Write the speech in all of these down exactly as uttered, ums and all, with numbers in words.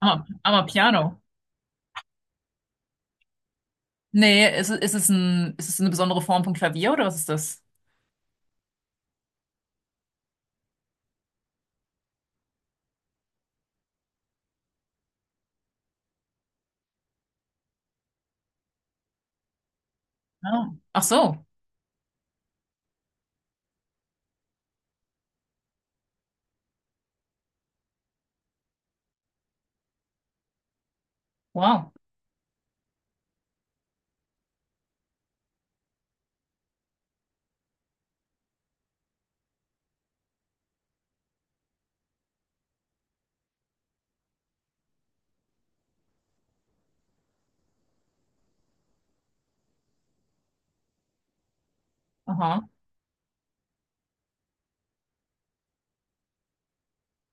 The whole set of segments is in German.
Aber, aber Piano. Nee, ist, es- ist es ein, ist es eine besondere Form von Klavier oder was ist das? Ah. Ach so. Wow. Aha.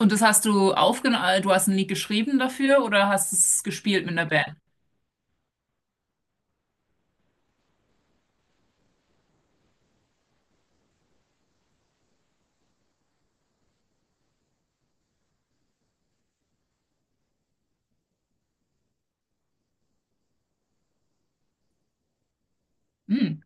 Und das hast du aufgenommen, du hast ein Lied geschrieben dafür oder hast es gespielt mit einer Band? Hm.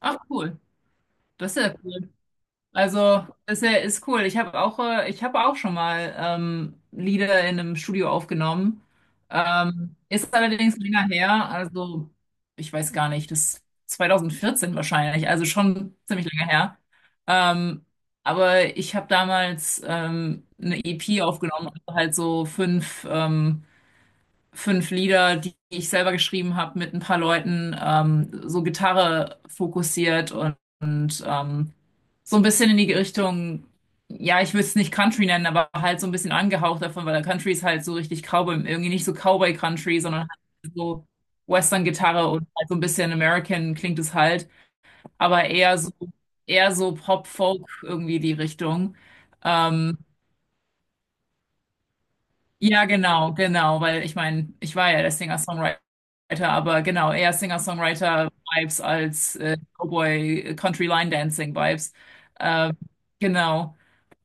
Ach cool. Das ist ja cool. Also, ist ja, ist cool. Ich habe auch, äh, ich habe auch schon mal ähm, Lieder in einem Studio aufgenommen. Ähm, ist allerdings länger her. Also, ich weiß gar nicht, das zwanzig vierzehn wahrscheinlich. Also schon ziemlich länger her. Ähm, aber ich habe damals ähm, eine E P aufgenommen, also halt so fünf ähm, fünf Lieder, die ich selber geschrieben habe, mit ein paar Leuten, ähm, so Gitarre fokussiert und, und ähm, so ein bisschen in die Richtung, ja, ich würde es nicht Country nennen, aber halt so ein bisschen angehaucht davon, weil der Country ist halt so richtig Cowboy, irgendwie nicht so Cowboy Country, sondern halt so Western-Gitarre und halt so ein bisschen American klingt es halt, aber eher so, eher so Pop-Folk irgendwie die Richtung. Ähm, ja, genau, genau, weil ich meine, ich war ja der Singer-Songwriter, aber genau, eher Singer-Songwriter-Vibes als äh, Cowboy-Country-Line-Dancing-Vibes. Ähm, genau,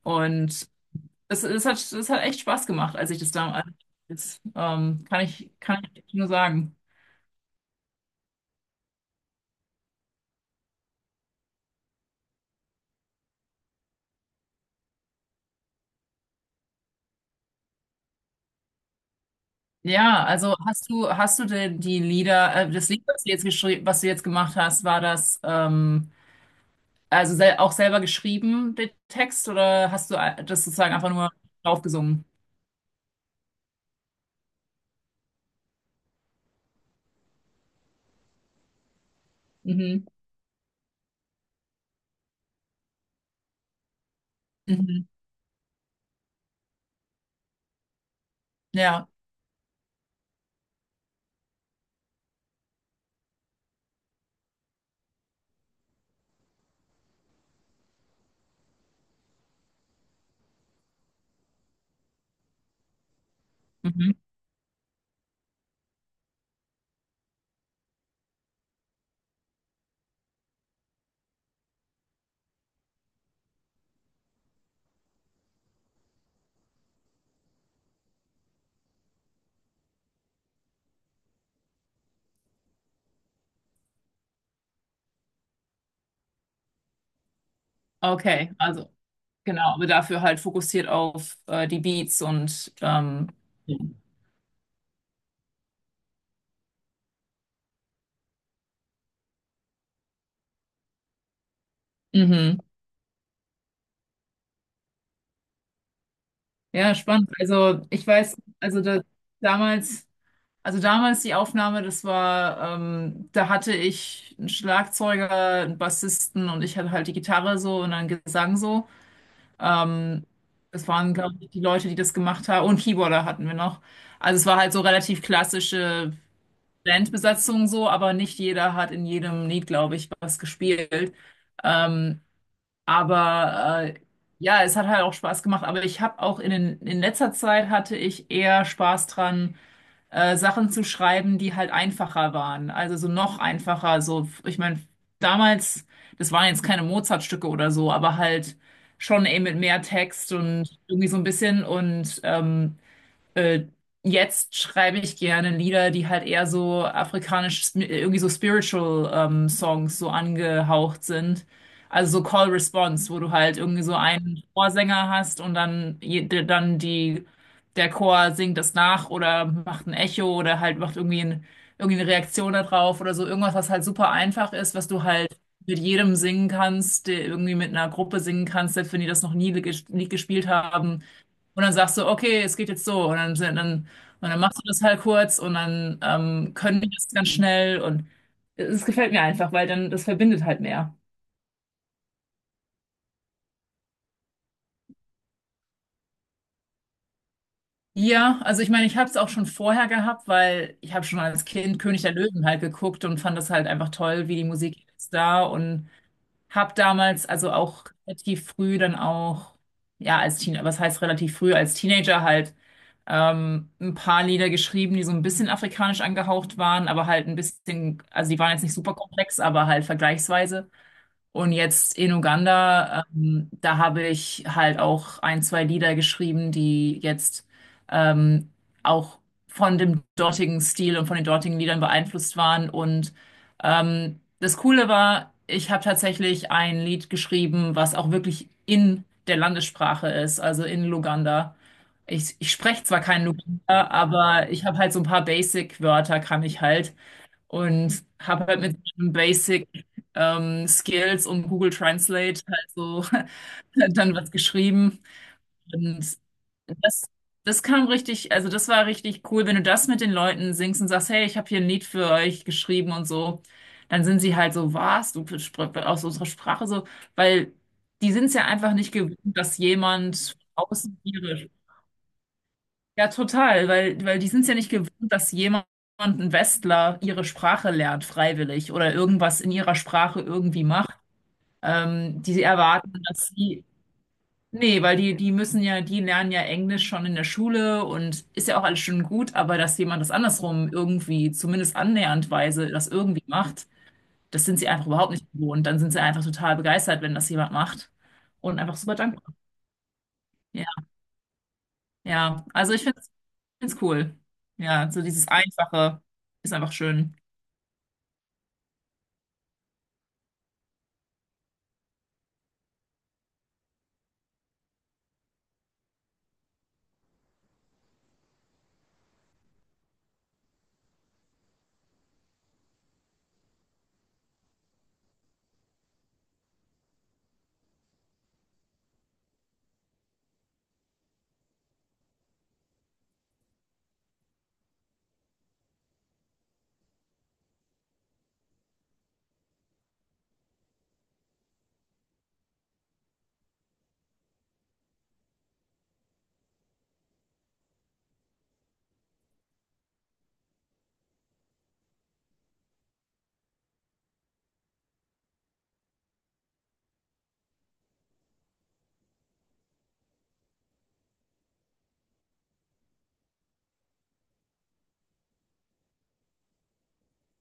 und es, es hat, es hat echt Spaß gemacht, als ich das damals, ähm, kann ich, kann ich nur sagen. Ja, also hast du, hast du denn die Lieder, äh, das Lied, was du jetzt geschrieben, was du jetzt gemacht hast, war das ähm, also sel auch selber geschrieben, der Text, oder hast du äh, das sozusagen einfach nur draufgesungen? Mhm. Mhm. Ja. Mhm. Okay, also genau, aber dafür halt fokussiert auf äh, die Beats und ähm, ja. Mhm. Ja, spannend. Also ich weiß, also da, damals, also damals die Aufnahme, das war, ähm, da hatte ich einen Schlagzeuger, einen Bassisten und ich hatte halt die Gitarre so und dann Gesang so. Ähm, Das waren, glaube ich, die Leute, die das gemacht haben. Und Keyboarder hatten wir noch. Also es war halt so relativ klassische Bandbesetzung so, aber nicht jeder hat in jedem Lied, glaube ich, was gespielt. Ähm, aber äh, ja, es hat halt auch Spaß gemacht. Aber ich habe auch in, den- in letzter Zeit hatte ich eher Spaß dran, äh, Sachen zu schreiben, die halt einfacher waren. Also so noch einfacher. So, ich meine, damals, das waren jetzt keine Mozart-Stücke oder so, aber halt schon eben mit mehr Text und irgendwie so ein bisschen und ähm, äh, jetzt schreibe ich gerne Lieder, die halt eher so afrikanisch, sp- irgendwie so spiritual ähm, Songs so angehaucht sind. Also so Call Response, wo du halt irgendwie so einen Chorsänger hast und dann, je- der- dann die, der Chor singt das nach oder macht ein Echo oder halt macht irgendwie ein, irgendwie eine Reaktion darauf oder so. Irgendwas, was halt super einfach ist, was du halt mit jedem singen kannst, der irgendwie mit einer Gruppe singen kannst, selbst wenn die das noch nie ges- Lied gespielt haben und dann sagst du, okay, es geht jetzt so. Und dann, sind- dann, und dann machst du das halt kurz und dann ähm, können die das ganz schnell. Und es gefällt mir einfach, weil dann das verbindet halt mehr. Ja, also ich meine, ich habe es auch schon vorher gehabt, weil ich habe schon als Kind König der Löwen halt geguckt und fand das halt einfach toll, wie die Musik ist da und hab damals, also auch relativ früh dann auch, ja, als Teenager, was heißt relativ früh, als Teenager halt ähm, ein paar Lieder geschrieben, die so ein bisschen afrikanisch angehaucht waren, aber halt ein bisschen, also die waren jetzt nicht super komplex, aber halt vergleichsweise. Und jetzt in Uganda, ähm, da habe ich halt auch ein, zwei Lieder geschrieben, die jetzt ähm, auch von dem dortigen Stil und von den dortigen Liedern beeinflusst waren. Und ähm, das Coole war, ich habe tatsächlich ein Lied geschrieben, was auch wirklich in der Landessprache ist, also in Luganda. Ich, ich spreche zwar kein Luganda, aber ich habe halt so ein paar Basic-Wörter, kann ich halt. Und habe halt mit den Basic ähm, Skills und Google Translate halt so dann was geschrieben. Und das, das kam richtig, also das war richtig cool, wenn du das mit den Leuten singst und sagst, hey, ich habe hier ein Lied für euch geschrieben und so, dann sind sie halt so, was, du spr- aus unserer Sprache so, weil die sind es ja einfach nicht gewöhnt, dass jemand außen ihre ja, total, weil, weil die sind es ja nicht gewohnt, dass jemand, ein Westler, ihre Sprache lernt, freiwillig oder irgendwas in ihrer Sprache irgendwie macht. Ähm, die erwarten, dass sie, nee, weil die, die müssen ja, die lernen ja Englisch schon in der Schule und ist ja auch alles schon gut, aber dass jemand das andersrum irgendwie, zumindest annäherndweise, das irgendwie macht, das sind sie einfach überhaupt nicht gewohnt. Dann sind sie einfach total begeistert, wenn das jemand macht und einfach super dankbar. Ja, ja. Also ich finde find's cool. Ja, so dieses Einfache ist einfach schön.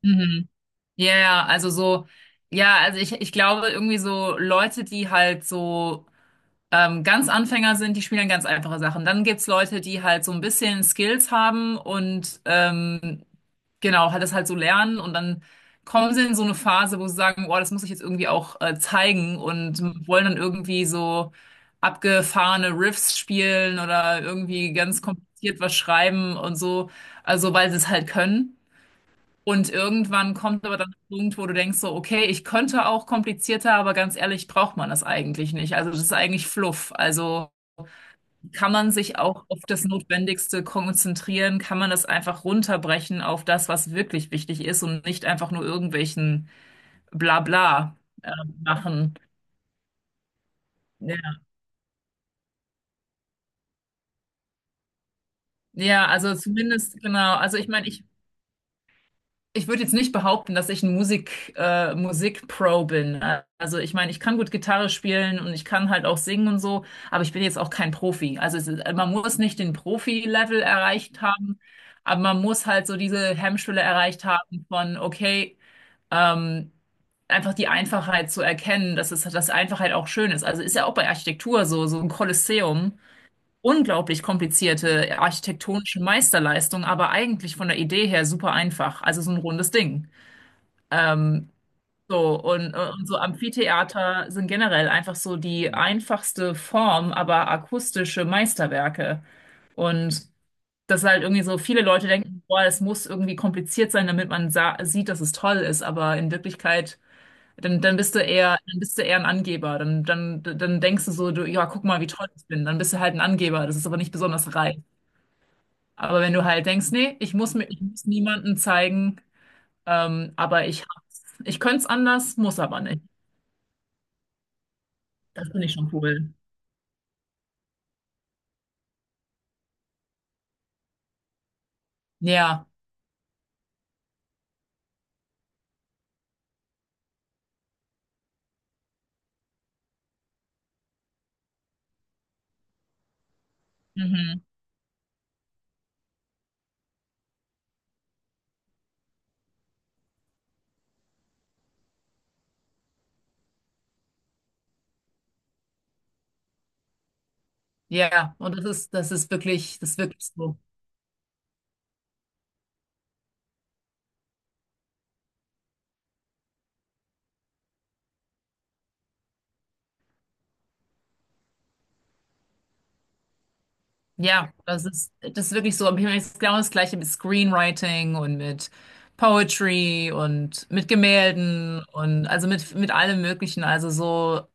Mhm. Ja, ja, also so, ja, also ich, ich glaube irgendwie so Leute, die halt so ähm, ganz Anfänger sind, die spielen ganz einfache Sachen. Dann gibt's Leute, die halt so ein bisschen Skills haben und ähm, genau, halt das halt so lernen und dann kommen sie in so eine Phase, wo sie sagen, boah, das muss ich jetzt irgendwie auch äh, zeigen und wollen dann irgendwie so abgefahrene Riffs spielen oder irgendwie ganz kompliziert was schreiben und so, also weil sie es halt können. Und irgendwann kommt aber dann der Punkt, wo du denkst so, okay, ich könnte auch komplizierter, aber ganz ehrlich, braucht man das eigentlich nicht. Also das ist eigentlich Fluff. Also kann man sich auch auf das Notwendigste konzentrieren? Kann man das einfach runterbrechen auf das, was wirklich wichtig ist und nicht einfach nur irgendwelchen Blabla äh, machen? Ja. Ja, also zumindest, genau. Also ich meine, ich, ich würde jetzt nicht behaupten, dass ich ein Musik, äh, Musik-Pro bin. Äh, Also ich meine, ich kann gut Gitarre spielen und ich kann halt auch singen und so, aber ich bin jetzt auch kein Profi. Also es, ist- man muss nicht den Profi-Level erreicht haben, aber man muss halt so diese Hemmschwelle erreicht haben von, okay, Ähm, einfach die Einfachheit zu erkennen, dass es, dass Einfachheit auch schön ist. Also ist ja auch bei Architektur so, so ein Kolosseum. Unglaublich komplizierte architektonische Meisterleistung, aber eigentlich von der Idee her super einfach. Also so ein rundes Ding. Ähm, so, und, und so Amphitheater sind generell einfach so die einfachste Form, aber akustische Meisterwerke. Und dass halt irgendwie so viele Leute denken, boah, es muss irgendwie kompliziert sein, damit man sa sieht, dass es toll ist, aber in Wirklichkeit dann, dann bist du eher, dann bist du eher ein Angeber. Dann, dann, dann denkst du so, du, ja, guck mal, wie toll ich bin. Dann bist du halt ein Angeber. Das ist aber nicht besonders reif. Aber wenn du halt denkst, nee, ich muss mir, ich muss niemandem zeigen, ähm, aber ich hab's. Ich könnte es anders, muss aber nicht. Das finde ich schon cool. Ja. Mhm. Ja. Und das ist, das ist wirklich, das ist wirklich so. Ja, das ist, das ist wirklich so. Im Himmel ist genau das Gleiche mit Screenwriting und mit Poetry und mit Gemälden und also mit, mit allem Möglichen. Also so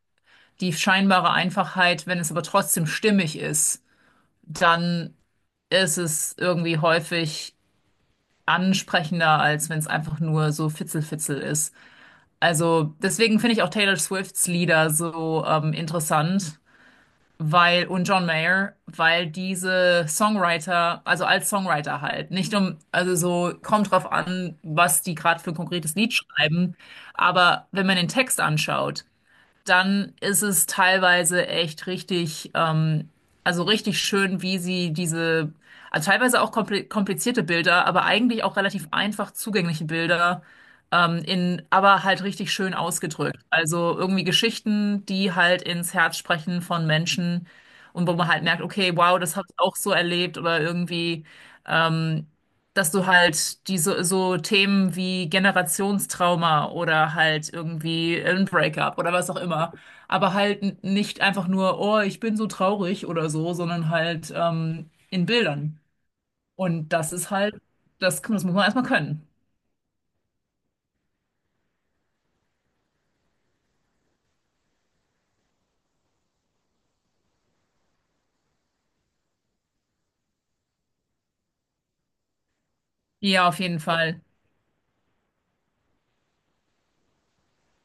die scheinbare Einfachheit, wenn es aber trotzdem stimmig ist, dann ist es irgendwie häufig ansprechender, als wenn es einfach nur so Fitzelfitzel ist. Also deswegen finde ich auch Taylor Swifts Lieder so ähm, interessant, weil und John Mayer, weil diese Songwriter, also als Songwriter halt, nicht um, also so kommt drauf an, was die gerade für ein konkretes Lied schreiben, aber wenn man den Text anschaut, dann ist es teilweise echt richtig, ähm, also richtig schön, wie sie diese, also teilweise auch kompli- komplizierte Bilder, aber eigentlich auch relativ einfach zugängliche Bilder, ähm, in, aber halt richtig schön ausgedrückt. Also irgendwie Geschichten, die halt ins Herz sprechen von Menschen und wo man halt merkt, okay, wow, das habe ich auch so erlebt oder irgendwie. Ähm, Dass du halt diese so so Themen wie Generationstrauma oder halt irgendwie ein Breakup oder was auch immer, aber halt n- nicht einfach nur, oh, ich bin so traurig oder so, sondern halt ähm, in Bildern. Und das ist halt, das, kann- das muss man erstmal können. Ja, auf jeden Fall.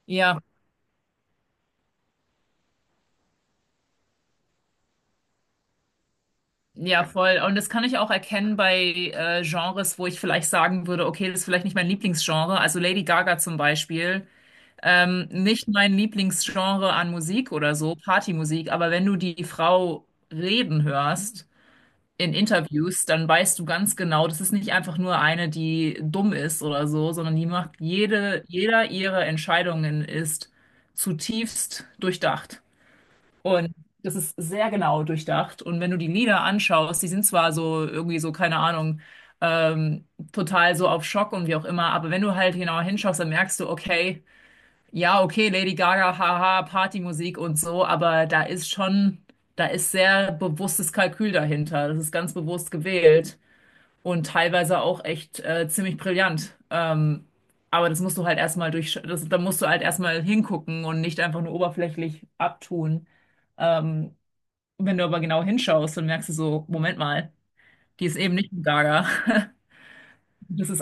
Ja, ja, voll. Und das kann ich auch erkennen bei äh, Genres, wo ich vielleicht sagen würde, okay, das ist vielleicht nicht mein Lieblingsgenre. Also Lady Gaga zum Beispiel. Ähm, nicht mein Lieblingsgenre an Musik oder so, Partymusik, aber wenn du die Frau reden hörst in Interviews, dann weißt du ganz genau, das ist nicht einfach nur eine, die dumm ist oder so, sondern die macht jede, jeder ihrer Entscheidungen ist zutiefst durchdacht. Und das ist sehr genau durchdacht. Und wenn du die Lieder anschaust, die sind zwar so irgendwie so, keine Ahnung, ähm, total so auf Schock und wie auch immer, aber wenn du halt genauer hinschaust, dann merkst du, okay, ja, okay, Lady Gaga, haha, Partymusik und so, aber da ist schon, da ist sehr bewusstes Kalkül dahinter. Das ist ganz bewusst gewählt und teilweise auch echt äh, ziemlich brillant. Ähm, aber das musst du halt erstmal durch, das, da musst du halt erstmal hingucken und nicht einfach nur oberflächlich abtun. Ähm, wenn du aber genau hinschaust, dann merkst du so, Moment mal, die ist eben nicht ein Gaga. Das ist